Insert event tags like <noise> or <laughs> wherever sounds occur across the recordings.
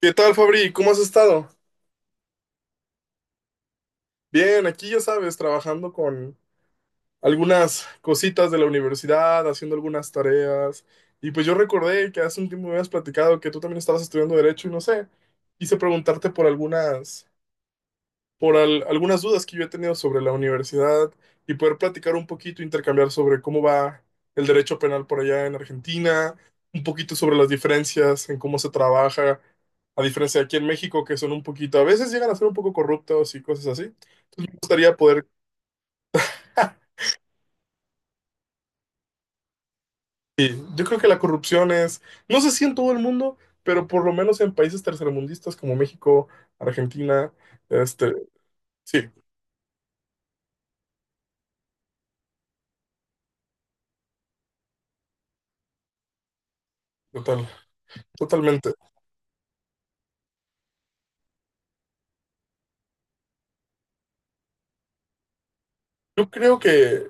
¿Qué tal, Fabri? ¿Cómo has estado? Bien, aquí ya sabes, trabajando con algunas cositas de la universidad, haciendo algunas tareas. Y pues yo recordé que hace un tiempo me habías platicado que tú también estabas estudiando Derecho y no sé, quise preguntarte por algunas dudas que yo he tenido sobre la universidad y poder platicar un poquito, intercambiar sobre cómo va el derecho penal por allá en Argentina, un poquito sobre las diferencias en cómo se trabaja, a diferencia de aquí en México, que son un poquito, a veces llegan a ser un poco corruptos y cosas así. Entonces me gustaría poder... ah, Sí, yo creo que la corrupción es, no sé si en todo el mundo, pero por lo menos en países tercermundistas como México, Argentina, este, sí, total, totalmente. Yo creo que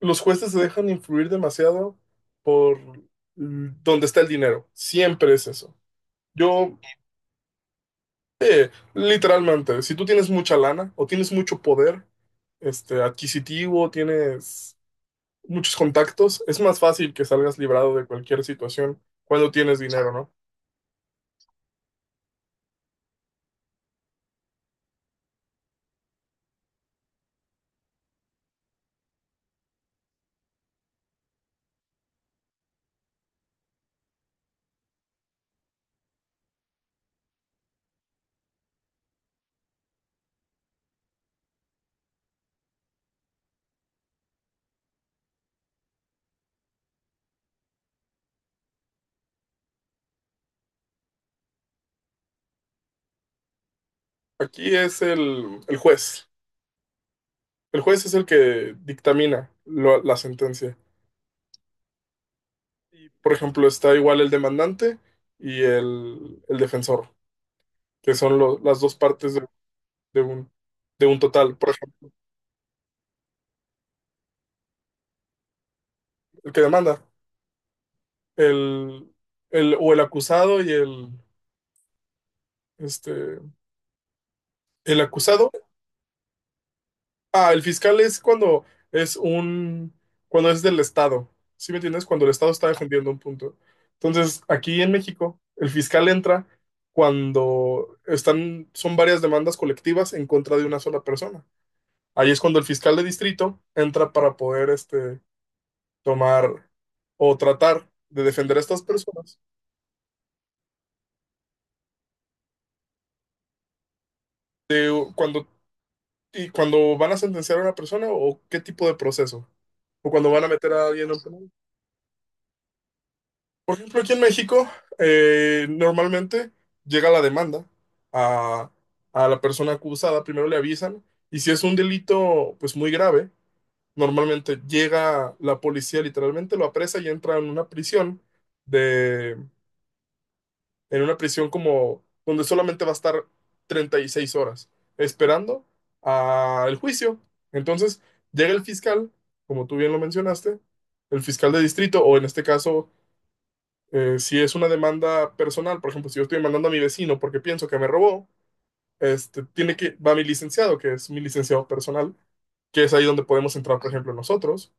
los jueces se dejan influir demasiado por dónde está el dinero. Siempre es eso. Yo, literalmente, si tú tienes mucha lana o tienes mucho poder adquisitivo, tienes muchos contactos, es más fácil que salgas librado de cualquier situación cuando tienes dinero, ¿no? Aquí es el juez. El juez es el que dictamina la sentencia. Y, por ejemplo, está igual el demandante y el defensor, que son las dos partes de un, de un total. Por ejemplo, el que demanda, el, o el acusado y este, el acusado. Ah, el fiscal es cuando es un, cuando es del Estado. ¿Sí me entiendes? Cuando el Estado está defendiendo un punto. Entonces, aquí en México, el fiscal entra cuando están, son varias demandas colectivas en contra de una sola persona. Ahí es cuando el fiscal de distrito entra para poder, tomar o tratar de defender a estas personas de cuando, y cuando van a sentenciar a una persona, ¿o qué tipo de proceso? ¿O cuando van a meter a alguien en penal? Por ejemplo, aquí en México, normalmente llega la demanda a, a la persona acusada, primero le avisan, y si es un delito pues muy grave, normalmente llega la policía literalmente, lo apresa y entra en de, una prisión como donde solamente va a estar 36 horas esperando al juicio. Entonces llega el fiscal, como tú bien lo mencionaste, el fiscal de distrito, o en este caso, si es una demanda personal, por ejemplo, si yo estoy demandando a mi vecino porque pienso que me robó, va mi licenciado, que es mi licenciado personal, que es ahí donde podemos entrar, por ejemplo, nosotros.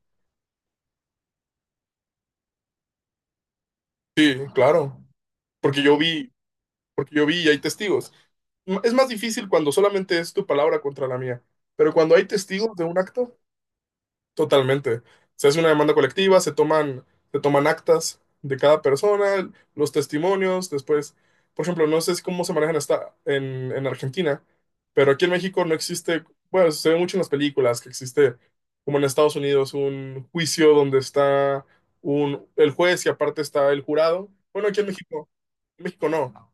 Sí, claro, porque yo vi, porque yo vi y hay testigos. Es más difícil cuando solamente es tu palabra contra la mía, pero cuando hay testigos de un acto, totalmente. Se hace una demanda colectiva, se toman actas de cada persona, los testimonios, después, por ejemplo, no sé si cómo se manejan en Argentina, pero aquí en México no existe, bueno, se ve mucho en las películas que existe, como en Estados Unidos, un juicio donde está un, el juez y aparte está el jurado. Bueno, en México no.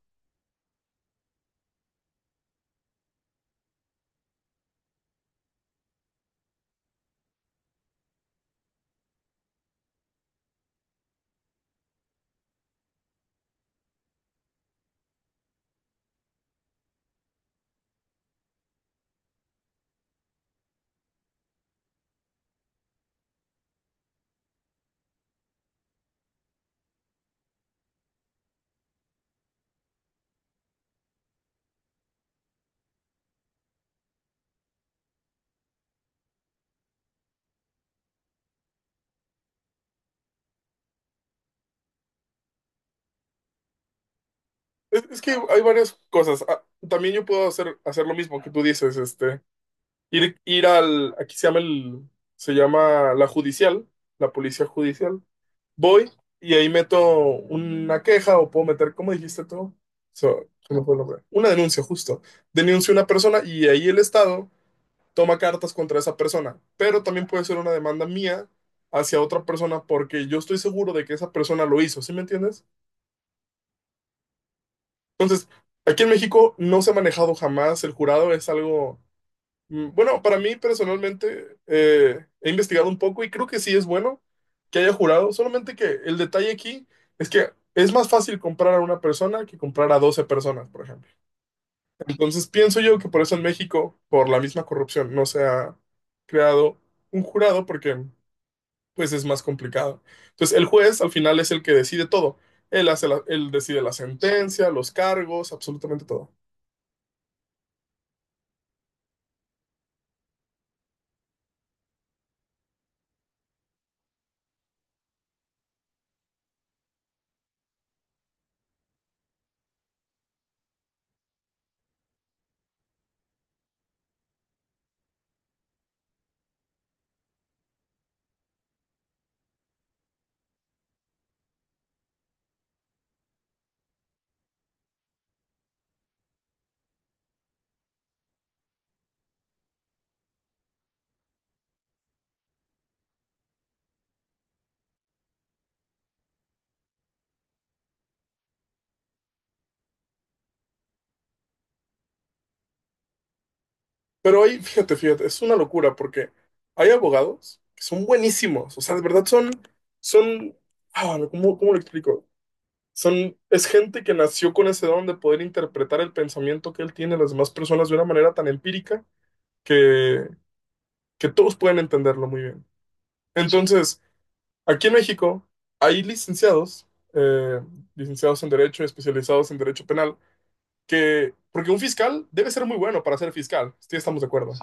Es que hay varias cosas. Ah, también yo puedo hacer lo mismo que tú dices, aquí se llama la judicial, la policía judicial. Voy y ahí meto una queja o puedo meter, ¿cómo dijiste tú? So, se me fue el nombre. Una denuncia, justo. Denuncio a una persona y ahí el Estado toma cartas contra esa persona, pero también puede ser una demanda mía hacia otra persona porque yo estoy seguro de que esa persona lo hizo, ¿sí me entiendes? Entonces, aquí en México no se ha manejado jamás el jurado, es algo, bueno, para mí personalmente he investigado un poco y creo que sí es bueno que haya jurado, solamente que el detalle aquí es que es más fácil comprar a una persona que comprar a 12 personas, por ejemplo. Entonces, pienso yo que por eso en México, por la misma corrupción, no se ha creado un jurado porque pues es más complicado. Entonces, el juez al final es el que decide todo. Él hace él decide la sentencia, los cargos, absolutamente todo. Pero ahí, fíjate, fíjate, es una locura porque hay abogados que son buenísimos, o sea, de verdad son, son, cómo lo explico? Es gente que nació con ese don de poder interpretar el pensamiento que él tiene de las demás personas de una manera tan empírica que, que todos pueden entenderlo muy bien. Entonces, aquí en México hay eh, licenciados en Derecho, especializados en Derecho Penal, porque un fiscal debe ser muy bueno para ser fiscal, sí, estamos de acuerdo.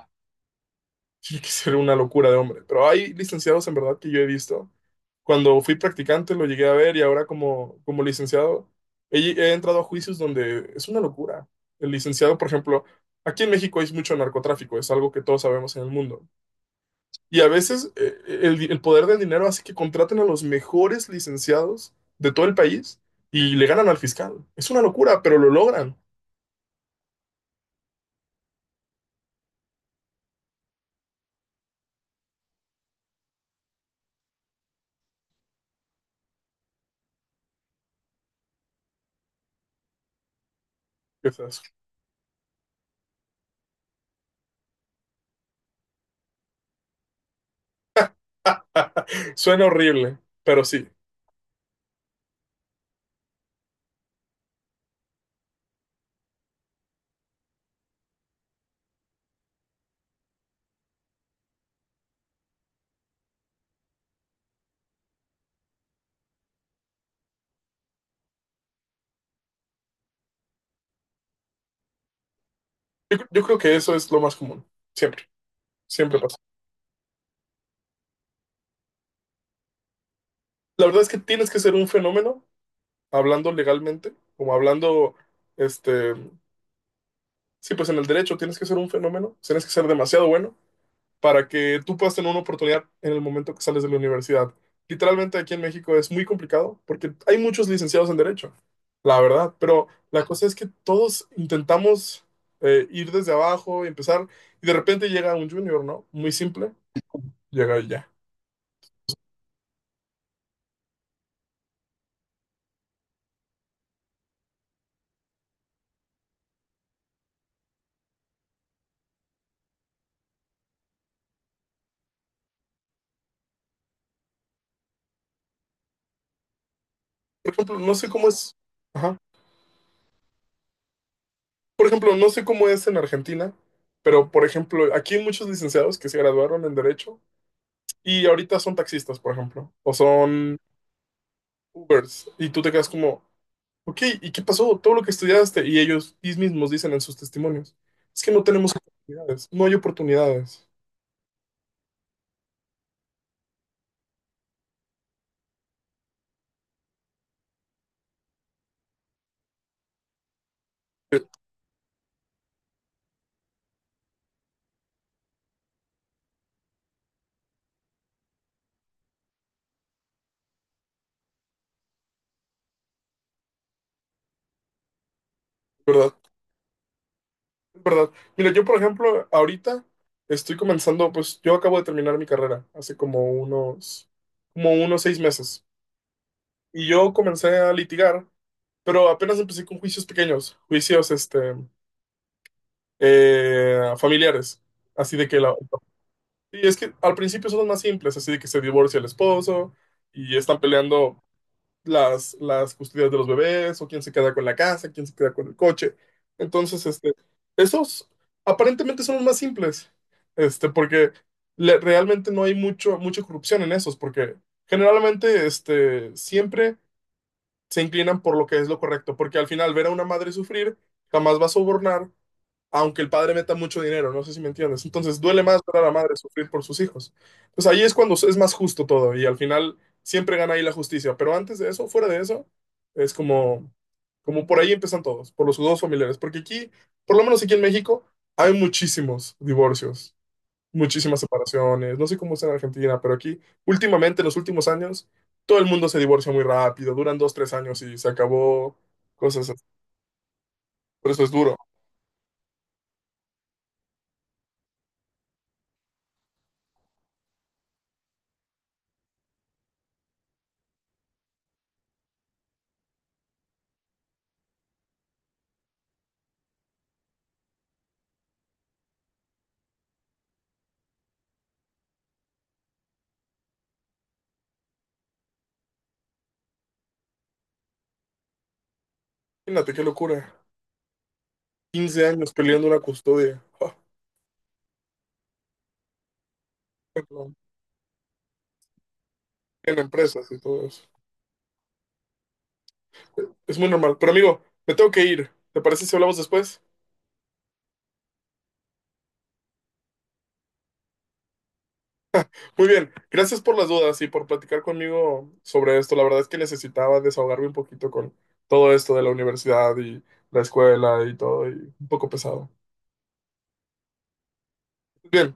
Tiene que ser una locura de hombre. Pero hay licenciados en verdad que yo he visto. Cuando fui practicante lo llegué a ver y ahora como licenciado he entrado a juicios donde es una locura. El licenciado, por ejemplo, aquí en México hay mucho narcotráfico, es algo que todos sabemos en el mundo. Y a veces el poder del dinero hace que contraten a los mejores licenciados de todo el país y le ganan al fiscal. Es una locura, pero lo logran. O sea, <laughs> suena horrible, pero sí. Yo creo que eso es lo más común, siempre. Siempre pasa. La verdad es que tienes que ser un fenómeno, hablando legalmente, como hablando, este, sí, pues en el derecho tienes que ser un fenómeno, tienes que ser demasiado bueno para que tú puedas tener una oportunidad en el momento que sales de la universidad. Literalmente aquí en México es muy complicado porque hay muchos licenciados en derecho, la verdad, pero la cosa es que todos intentamos ir desde abajo y empezar y de repente llega un junior, ¿no? Muy simple, llega y ya. Por ejemplo, no sé cómo es. Ajá. Por ejemplo, no sé cómo es en Argentina, pero por ejemplo, aquí hay muchos licenciados que se graduaron en Derecho y ahorita son taxistas, por ejemplo, o son Ubers, y tú te quedas como, ok, ¿y qué pasó? Todo lo que estudiaste, y ellos mismos dicen en sus testimonios, es que no tenemos oportunidades, no hay oportunidades, Es ¿verdad? Es verdad. Mira, yo por ejemplo, ahorita estoy comenzando, pues yo acabo de terminar mi carrera hace como unos 6 meses, y yo comencé a litigar. Pero apenas empecé con juicios pequeños, familiares. Así de que la... Y es que al principio son los más simples, así de que se divorcia el esposo y están peleando las custodias de los bebés o quién se queda con la casa, quién se queda con el coche. Entonces, esos aparentemente son los más simples, porque realmente no hay mucha corrupción en esos, porque generalmente, siempre se inclinan por lo que es lo correcto, porque al final ver a una madre sufrir jamás va a sobornar, aunque el padre meta mucho dinero, no sé si me entiendes. Entonces duele más ver a la madre sufrir por sus hijos. Pues ahí es cuando es más justo todo y al final siempre gana ahí la justicia, pero antes de eso, fuera de eso, es como, como por ahí empiezan todos, por los dos familiares, porque por lo menos aquí en México, hay muchísimos divorcios, muchísimas separaciones, no sé cómo es en Argentina, pero aquí últimamente, en los últimos años, todo el mundo se divorcia muy rápido, duran dos, tres años y se acabó, cosas así. Por eso es duro. Imagínate qué locura. 15 años peleando una custodia. Ah, perdón. En empresas y todo eso. Es muy normal. Pero amigo, me tengo que ir. ¿Te parece si hablamos después? Muy bien, gracias por las dudas y por platicar conmigo sobre esto. La verdad es que necesitaba desahogarme un poquito con todo esto de la universidad y la escuela y todo, y un poco pesado. Bien.